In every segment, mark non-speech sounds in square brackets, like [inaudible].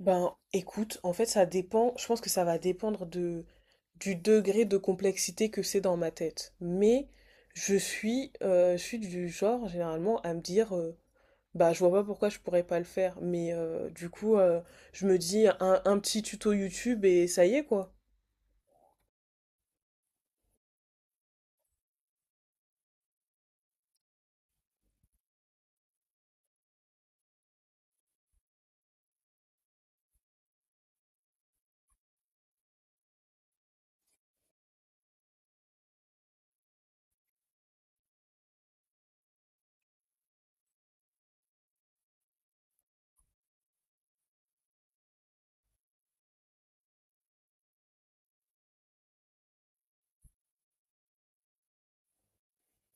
Ben, écoute, en fait, ça dépend. Je pense que ça va dépendre du degré de complexité que c'est dans ma tête. Mais je suis du genre, généralement, à me dire, je vois pas pourquoi je pourrais pas le faire. Mais du coup, je me dis un petit tuto YouTube et ça y est, quoi.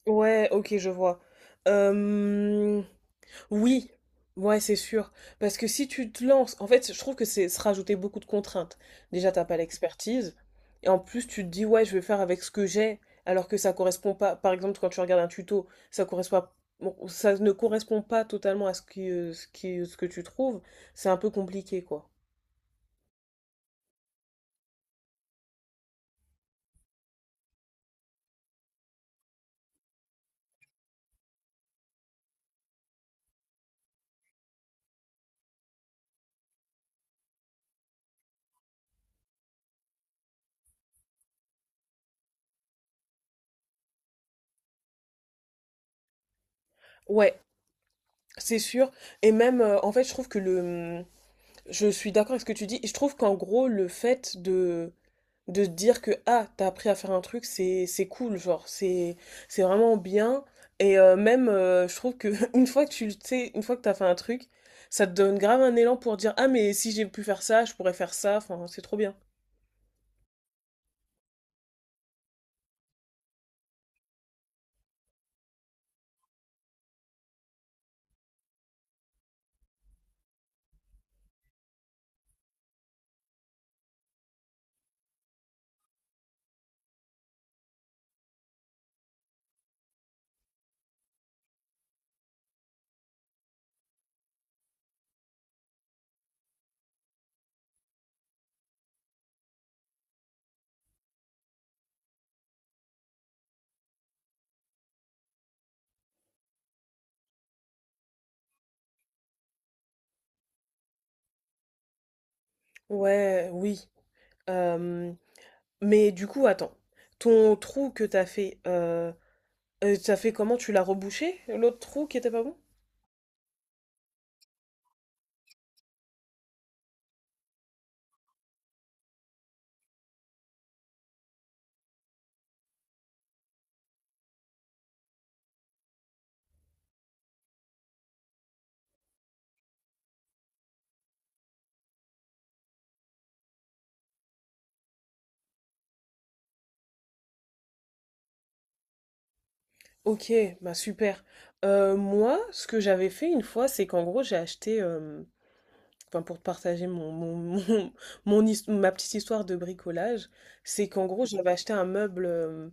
Ouais, ok, je vois. Euh, Oui, ouais, c'est sûr. Parce que si tu te lances, en fait, je trouve que c'est se rajouter beaucoup de contraintes. Déjà, t'as pas l'expertise. Et en plus, tu te dis, ouais, je vais faire avec ce que j'ai, alors que ça correspond pas. Par exemple, quand tu regardes un tuto, ça correspond pas- bon, ça ne correspond pas totalement à ce que tu trouves. C'est un peu compliqué, quoi. Ouais, c'est sûr. Et même, en fait, je trouve que le... Je suis d'accord avec ce que tu dis. Et je trouve qu'en gros, le fait de se dire que ah, t'as appris à faire un truc, c'est cool, genre c'est vraiment bien, et même je trouve que [laughs] une fois que tu sais, une fois que t'as fait un truc, ça te donne grave un élan pour dire ah, mais si j'ai pu faire ça, je pourrais faire ça, enfin c'est trop bien. Ouais, oui. Euh, mais du coup, attends, ton trou que t'as fait, t'as fait comment, tu l'as rebouché, l'autre trou qui était pas bon? Ok, bah super. Moi, ce que j'avais fait une fois, c'est qu'en gros, j'ai acheté, enfin pour te partager mon [laughs] ma petite histoire de bricolage, c'est qu'en gros, j'avais acheté un meuble, euh,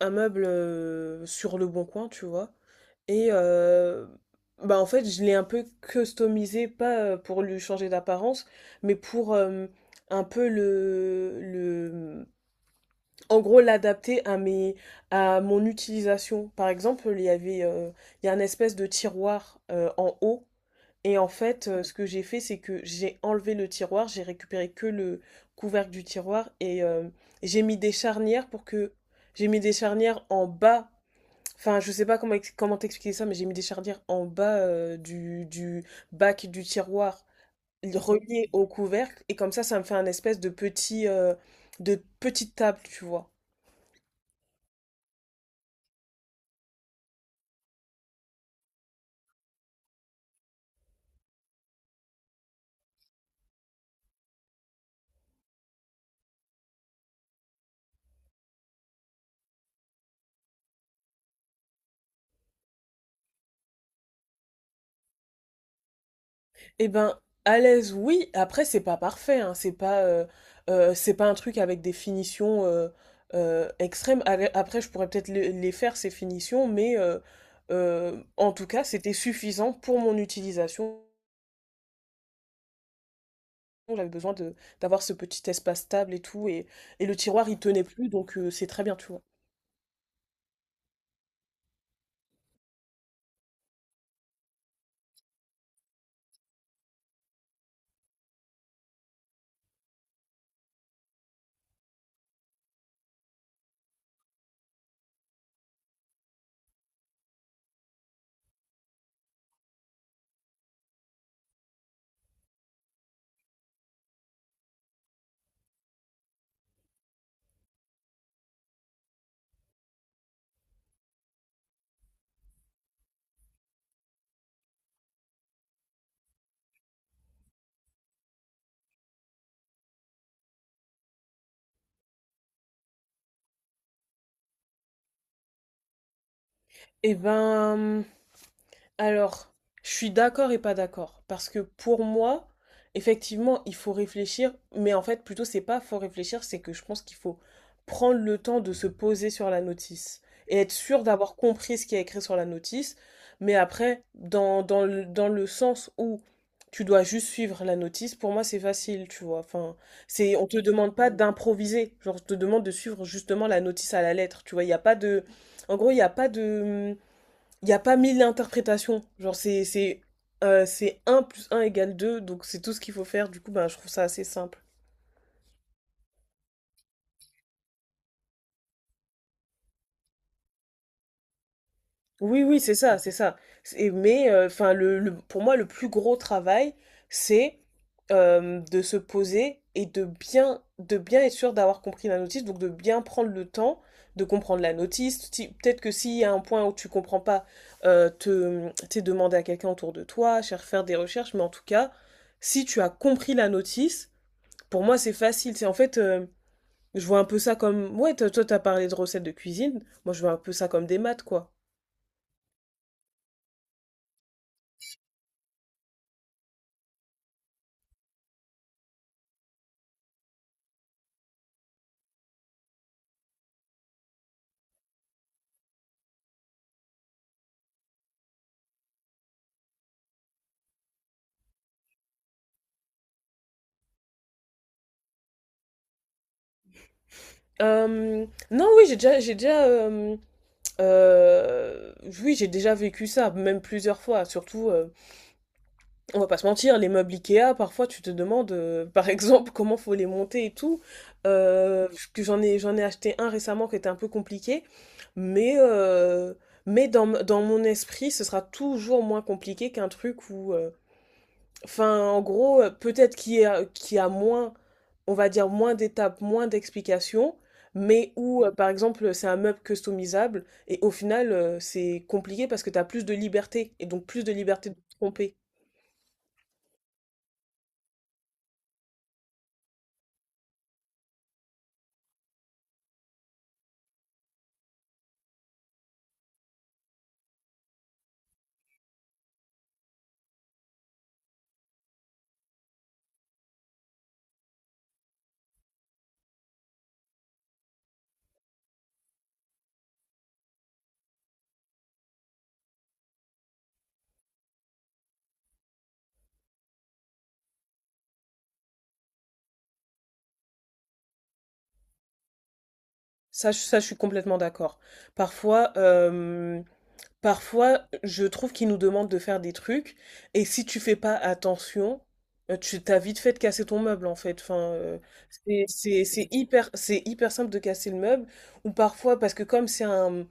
un meuble euh, sur Le Bon Coin, tu vois. Et bah en fait, je l'ai un peu customisé, pas pour lui changer d'apparence, mais pour un peu en gros, l'adapter à à mon utilisation. Par exemple, il y a un espèce de tiroir en haut. Et en fait, ce que j'ai fait, c'est que j'ai enlevé le tiroir, j'ai récupéré que le couvercle du tiroir, et j'ai mis des charnières pour que... J'ai mis des charnières en bas. Enfin, je sais pas comment, comment t'expliquer ça, mais j'ai mis des chardières en bas du bac du tiroir, relié au couvercle, et comme ça me fait un espèce de de petite table, tu vois. Eh ben, à l'aise, oui. Après, c'est pas parfait, hein. C'est pas un truc avec des finitions extrêmes. Après, je pourrais peut-être les faire ces finitions, mais en tout cas, c'était suffisant pour mon utilisation. J'avais besoin de d'avoir ce petit espace stable et tout, et le tiroir, il tenait plus, donc c'est très bien, tu vois? Et ben, alors, je suis d'accord et pas d'accord. Parce que pour moi, effectivement, il faut réfléchir. Mais en fait, plutôt, c'est pas faut réfléchir, c'est que je pense qu'il faut prendre le temps de se poser sur la notice et être sûr d'avoir compris ce qui est écrit sur la notice. Mais après, dans le sens où tu dois juste suivre la notice, pour moi, c'est facile, tu vois. Enfin, on te demande pas d'improviser. Genre, on te demande de suivre justement la notice à la lettre. Tu vois, il n'y a pas de... En gros, il n'y a pas mille interprétations. Genre, c'est un plus un égale deux, donc c'est tout ce qu'il faut faire. Du coup, ben, je trouve ça assez simple. Oui, oui, c'est ça, c'est ça. Mais 'fin, pour moi, le plus gros travail, c'est de se poser et de bien être sûr d'avoir compris la notice, donc de bien prendre le temps de comprendre la notice. Peut-être que s'il y a un point où tu comprends pas, t'es demandé à quelqu'un autour de toi, faire des recherches, mais en tout cas, si tu as compris la notice, pour moi, c'est facile. C'est en fait, je vois un peu ça comme... Ouais, toi, t'as parlé de recettes de cuisine. Moi, je vois un peu ça comme des maths, quoi. Euh, Non, oui, euh, oui, j'ai déjà vécu ça, même plusieurs fois. Surtout, on va pas se mentir, les meubles Ikea, parfois, tu te demandes, par exemple, [laughs] comment faut les monter et tout. Euh, j'en ai acheté un récemment qui était un peu compliqué, mais mais dans mon esprit, ce sera toujours moins compliqué qu'un truc où, enfin, en gros, peut-être qu'il y a moins, on va dire, moins d'étapes, moins d'explications, mais où, par exemple, c'est un meuble customisable, et au final, c'est compliqué parce que tu as plus de liberté, et donc plus de liberté de te tromper. Ça, je suis complètement d'accord. Parfois, euh, Parfois, je trouve qu'ils nous demandent de faire des trucs, et si tu fais pas attention, tu t'as vite fait de casser ton meuble, en fait. Enfin, c'est hyper simple de casser le meuble, ou parfois parce que comme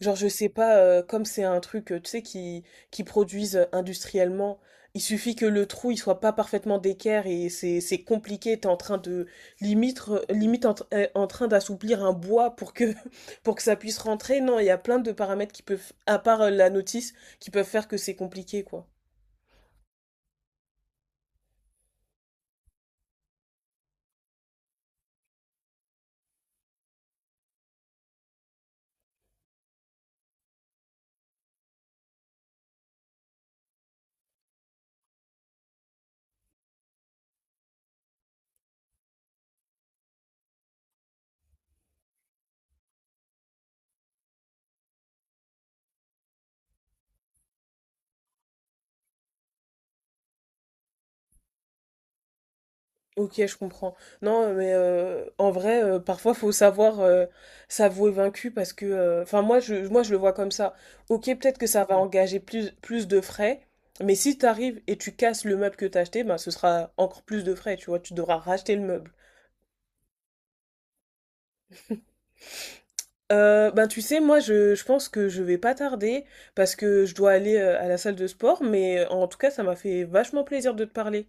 genre, je sais pas, comme c'est un truc, tu sais, qui produisent industriellement, il suffit que le trou, il soit pas parfaitement d'équerre, et c'est compliqué, t'es en train de, limite en train d'assouplir un bois [laughs] pour que ça puisse rentrer. Non, il y a plein de paramètres qui peuvent, à part la notice, qui peuvent faire que c'est compliqué, quoi. Ok, je comprends. Non, mais en vrai, parfois, faut savoir s'avouer vaincu parce que, enfin, moi, je le vois comme ça. Ok, peut-être que ça va engager plus de frais, mais si tu arrives et tu casses le meuble que t'as acheté, ben, ce sera encore plus de frais, tu vois, tu devras racheter le meuble. Ben, tu sais, moi, je pense que je vais pas tarder parce que je dois aller à la salle de sport, mais en tout cas, ça m'a fait vachement plaisir de te parler.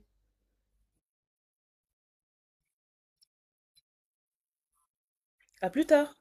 À plus tard!